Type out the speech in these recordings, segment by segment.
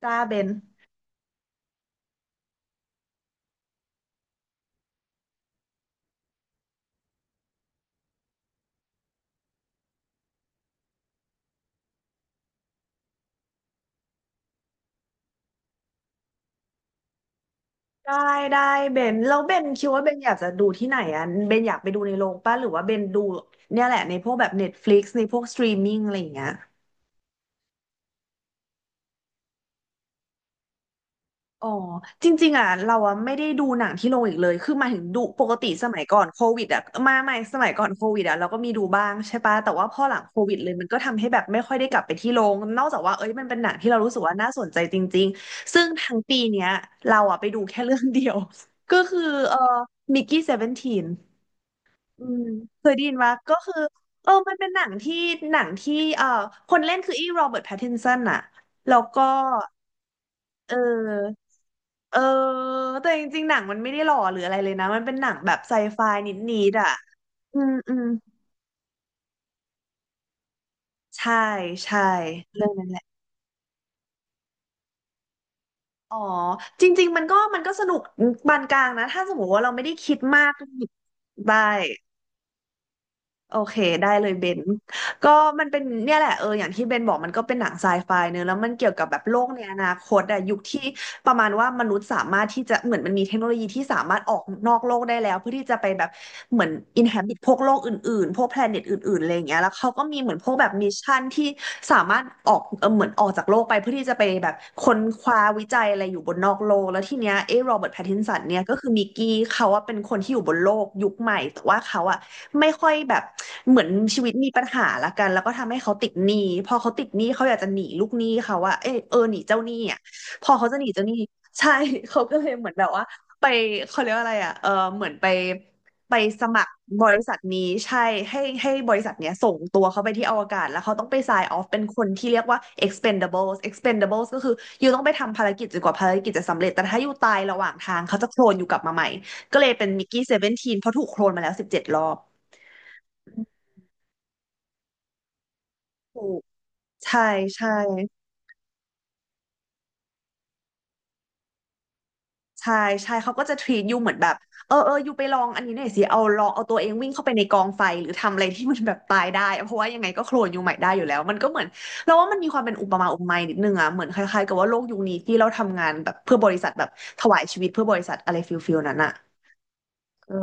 ได้เบนได้ได้เบนแล้วเบนคิดว่าเบนอยากจะดูที่ไหนอ่ะเบนอยากไปดูในโรงป่ะหรือว่าเบนดูเนี่ยแหละในพวกแบบ Netflix ในพวกสตรีมมิ่งอะไรอย่างเงี้ยอ๋อจริงๆอ่ะเราอ่ะไม่ได้ดูหนังที่โรงอีกเลยคือหมายถึงดูปกติสมัยก่อนโควิดอ่ะมาใหม่สมัยก่อนโควิดอ่ะเราก็มีดูบ้างใช่ปะแต่ว่าพอหลังโควิดเลยมันก็ทำให้แบบไม่ค่อยได้กลับไปที่โรงนอกจากว่าเอ้ยมันเป็นหนังที่เรารู้สึกว่าน่าสนใจจริงๆซึ่งทั้งปีเนี้ยเราอ่ะไปดูแค่เรื่องเดียว ก็คือเอ่อมิกกี้เซเวนทีน อืมเคยได้ยินว่าก็คือเออมันเป็นหนังที่หนังที่เอ่อคนเล่นคืออีโรเบิร์ตแพตตินสันอะแล้วก็เออเออแต่จริงๆหนังมันไม่ได้หล่อหรืออะไรเลยนะมันเป็นหนังแบบไซไฟนิดๆอ่ะอืมอืมใช่ใช่เรื่องนั้นแหละอ๋อจริงๆมันก็สนุกปานกลางนะถ้าสมมติว่าเราไม่ได้คิดมากได้ โอเคได้เลยเบนก็มันเป็นเนี่ยแหละเอออย่างที่เบนบอกมันก็เป็นหนังไซไฟเนอะแล้วมันเกี่ยวกับแบบโลกในอนาคตอะยุคที่ประมาณว่ามนุษย์สามารถที่จะเหมือนมันมีเทคโนโลยีที่สามารถออกนอกโลกได้แล้วเพื่อที่จะไปแบบเหมือนอินแฮบิตพวกโลกอื่นๆพวกแพลเน็ตอื่นๆอะไรอย่างเงี้ยแล้วเขาก็มีเหมือนพวกแบบมิชชั่นที่สามารถออกเหมือนออกจากโลกไปเพื่อที่จะไปแบบค้นคว้าวิจัยอะไรอยู่บนนอกโลกแล้วทีเนี้ยไอ้โรเบิร์ตแพทินสันเนี่ยก็คือมิกกี้เขาว่าเป็นคนที่อยู่บนโลกยุคใหม่แต่ว่าเขาอะ ไม่ค่อยแบบเหมือนชีวิตมีปัญหาละกันแล้วก็ทำให้เขาติดหนี้พอเขาติดหนี้เขาอยากจะหนีลูกหนี้เขาว่าหนีเจ้าหนี้อ่ะพอเขาจะหนีเจ้าหนี้ ใช่ เขาก็เลยเหมือนแบบว่าไปเขาเรียกว่าอะไรอ่ะเหมือนไปไปสมัครบริษัทนี้ใช่ให้บริษัทเนี้ยส่งตัวเขาไปที่อวกาศแล้วเขาต้องไป sign off เป็นคนที่เรียกว่า expendables ก็คืออยู่ต้องไปทำภารกิจจนกว่าภารกิจจะสำเร็จแต่ถ้าอยู่ตายระหว่างทางเขาจะโคลนอยู่กลับมาใหม่ก็เลยเป็นมิกกี้เซเวนทีนเพราะถูกโคลนมาแล้ว17 รอบ ถูกใช่ใช่ใช่ใช่เขาก็จะ treat ยูเหมือนแบบเออเออยูไปลองอันนี้หน่อยสิเอาลองเอาตัวเองวิ่งเข้าไปในกองไฟหรือทำอะไรที่มันแบบตายได้อะเพราะว่ายังไงก็โคลนยูใหม่ได้อยู่แล้วมันก็เหมือนเราว่ามันมีความเป็นอุปมาอุปไมยนิดนึงอะเหมือนคล้ายๆกับว่าโลกยุคนี้ที่เราทำงานแบบเพื่อบริษัทแบบถวายชีวิตเพื่อบริษัทอะไรฟิลนั้นอะเออ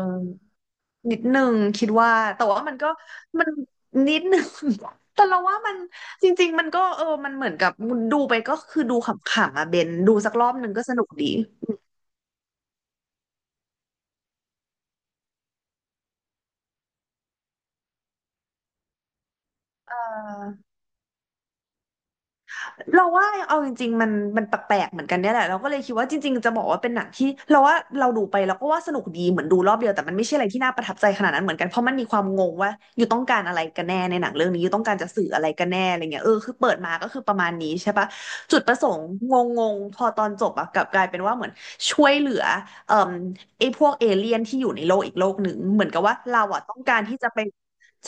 นิดหนึ่งคิดว่าแต่ว่ามันก็มันนิดหนึ่ง แต่เราว่ามันจริงๆมันก็เออมันเหมือนกับดูไปก็คือดูขำๆอ่ะเบนดูสักรอบหนึ่งก็สนุกดีเออ เราว่าเอาจริงๆมันแปลกๆเหมือนกันเนี่ยแหละเราก็เลยคิดว่าจริงๆจะบอกว่าเป็นหนังที่เราว่าเราดูไปเราก็ว่าสนุกดีเหมือนดูรอบเดียวแต่มันไม่ใช่อะไรที่น่าประทับใจขนาดนั้นเหมือนกันเพราะมันมีความงงว่าอยู่ต้องการอะไรกันแน่ในหนังเรื่องนี้อยู่ต้องการจะสื่ออะไรกันแน่อะไรเงี้ยเออคือเปิดมาก็คือประมาณนี้ใช่ปะจุดประสงค์งงๆพอตอนจบอะกลับกลายเป็นว่าเหมือนช่วยเหลือเอ่มไอ้พวกเอเลี่ยนที่อยู่ในโลกอีกโลกหนึ่งเหมือนกับว่าเราอะต้องการที่จะไป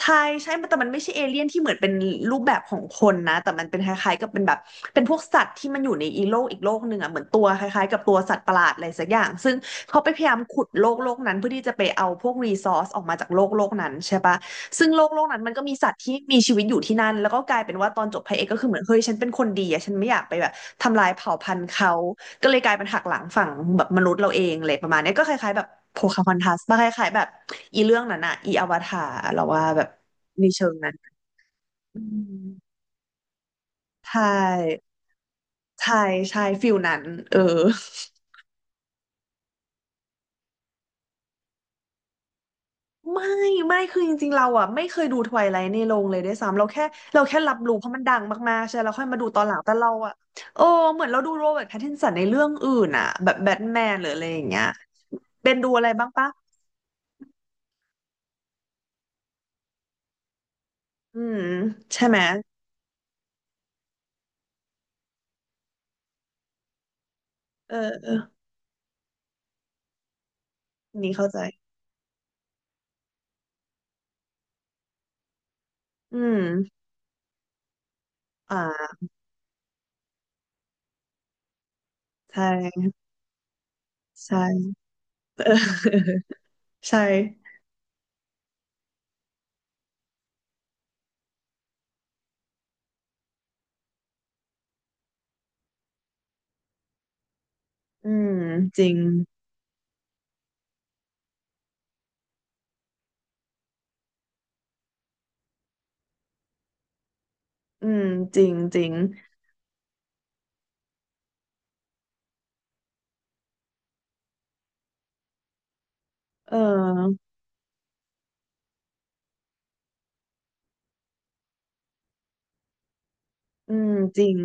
ใช่ใช่มันแต่มันไม่ใช่เอเลี่ยนที่เหมือนเป็นรูปแบบของคนนะแต่มันเป็นคล้ายๆกับเป็นแบบเป็นพวกสัตว์ที่มันอยู่ในอีโลกอีกโลกหนึ่งอ่ะเหมือนตัวคล้ายๆกับตัวสัตว์ประหลาดอะไรสักอย่างซึ่งเขาไปพยายามขุดโลกโลกนั้นเพื่อที่จะไปเอาพวกรีซอสออกมาจากโลกโลกนั้นใช่ปะซึ่งโลกโลกนั้นมันก็มีสัตว์ที่มีชีวิตอยู่ที่นั่นแล้วก็กลายเป็นว่าตอนจบพระเอกก็คือเหมือนเฮ้ยฉันเป็นคนดีอ่ะฉันไม่อยากไปแบบทำลายเผ่าพันธุ์เขา ก็เลยกลายเป็นหักหลังฝั่งแบบมนุษย์เราเองเลยประมาณเนี้ยก็คล้ายๆแบบโพคาฮอนทัสบ้างคล้ายๆแบบอีเรื่องนั้นอะอีอวตารเราว่าแบบในเชิงนั้นอืมใช่ใช่ใช่ฟิลนั้นเออไม่ไม่คือจริงๆเราอ่ะไม่เคยดูทไวไลท์ในโรงเลยด้วยซ้ำเราแค่รับรู้เพราะมันดังมากๆใช่เราค่อยมาดูตอนหลังแต่เราอ่ะโอ้เหมือนเราดูโรเบิร์ตแพตตินสันในเรื่องอื่นอ่ะแบบแบทแมนหรืออะไรอย่างเงี้ยเป็นดูอะไรบ้างปะอืมใช่ไหมเออเออนี่เข้าใจ อืมอ่าใช่ใช่ เออใช่อืมจริงอืมจริงจริงเอออืมจริง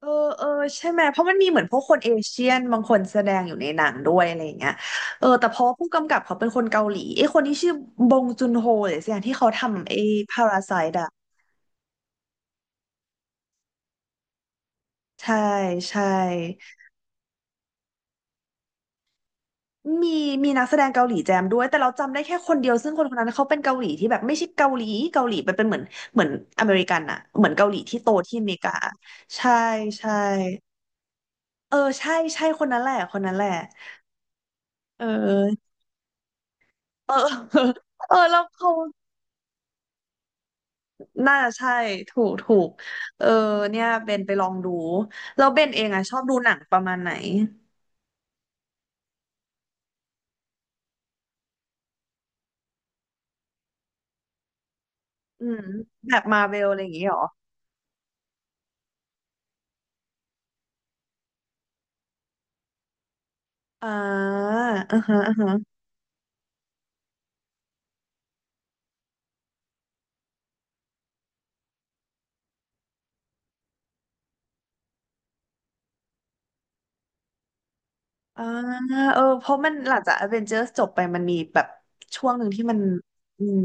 เออเออใช่ไหมเพราะมันมีเหมือนพวกคนเอเชียนบางคนแสดงอยู่ในหนังด้วยอะไรอย่างเงี้ยเออแต่เพราะว่าผู้กำกับเขาเป็นคนเกาหลีไอ้คนที่ชื่อบงจุนโฮหรือสักอย่างที่เขาทำไอ้พาราไซต์อะใช่ใช่ มีมีนักแสดงเกาหลีแจมด้วยแต่เราจำได้แค่คนเดียวซึ่งคนคนนั้นเขาเป็นเกาหลีที่แบบไม่ใช่เกาหลีเกาหลีไปเป็นเหมือนเหมือนอเมริกันอะเหมือนเกาหลีที่โตที่อเมริกาใช่ใช่เออใช่ใช่คนนั้นแหละคนนั้นแหละเออเออเออแล้วเขาน่าจะใช่ถูกถูกเออเนี่ยเบนไปลองดูแล้วเบนเองอะชอบดูหนังประมาณไหนอืมแบบมาเวลอะไรอย่างงี้เหรออ่าอ่าฮะอ่าฮะ อ่าเออเพราะมันหลังจากอเวนเจอร์จบไปมันมีแบบช่วงหนึ่งที่มันอืม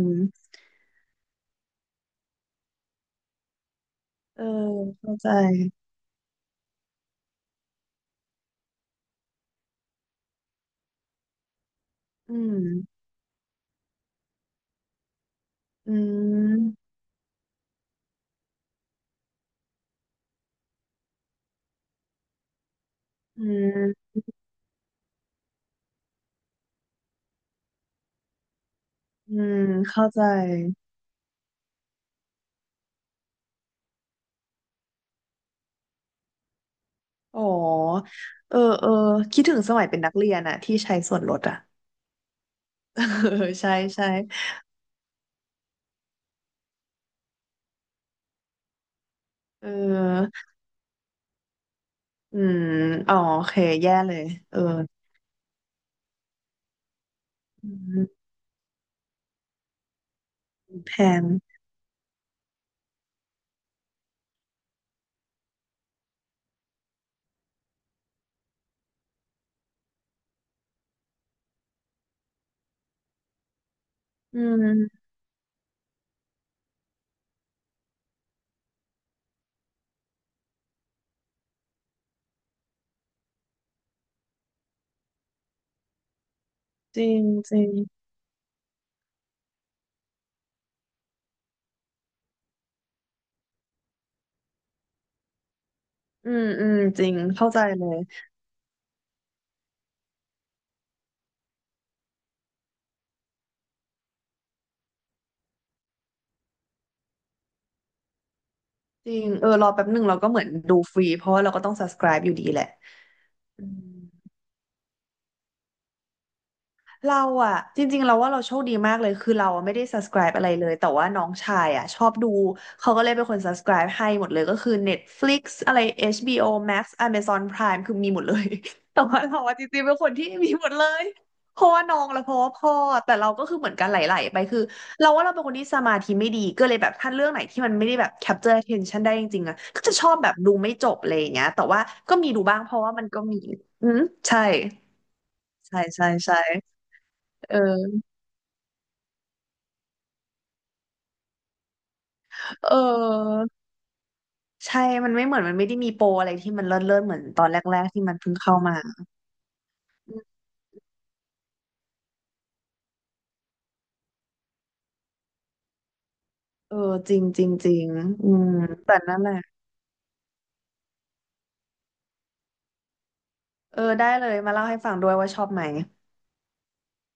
เออเข้าใจอืมอืมอืมอืมเข้าใจอ๋อเออเออคิดถึงสมัยเป็นนักเรียนอะที่ใช้ส่วนลดอะ เออใช่ใช่เอออืมอ๋อโอเคแย่เลยเอออืมแพนอืมจริงจริงอืมอืมจริงเข้าใจเลย จริง เออรอแป๊บหนึ่งเราก็เหมือนดูฟรีเพราะว่าเราก็ต้อง subscribe อยู่ดีแหละอืม เราอะจริงๆเราว่าเราโชคดีมากเลยคือเราอะไม่ได้ subscribe อะไรเลยแต่ว่าน้องชายอะชอบดูเขาก็เลยเป็นคน subscribe ให้หมดเลยก็คือ Netflix อะไร HBO Max Amazon Prime คือมีหมดเลย แต่ว่าเราอะจริงๆเป็นคนที่มีหมดเลยเพราะว่าน้องและเพราะว่าพ่อแต่เราก็คือเหมือนกันไหลๆไปคือเราว่าเราเป็นคนที่สมาธิไม่ดีก็เลยแบบถ้าเรื่องไหนที่มันไม่ได้แบบ capture attention ได้จริงๆอะก็จะชอบแบบดูไม่จบเลยอย่างเงี้ยแต่ว่าก็มีดูบ้างเพราะว่ามันก็มีอืมใช่ใช่ใช่ใช่เออ เออใช่มันไม่เหมือนมันไม่ได้มีโปรอะไรที่มันเลิศเลิศเหมือนตอนแรกๆที่มันเพิ่งเข้ามาเออจริงจริงจริงอืมแต่นั่นแหละเออได้เลยมาเล่าให้ฟังด้วยว่าชอบไหม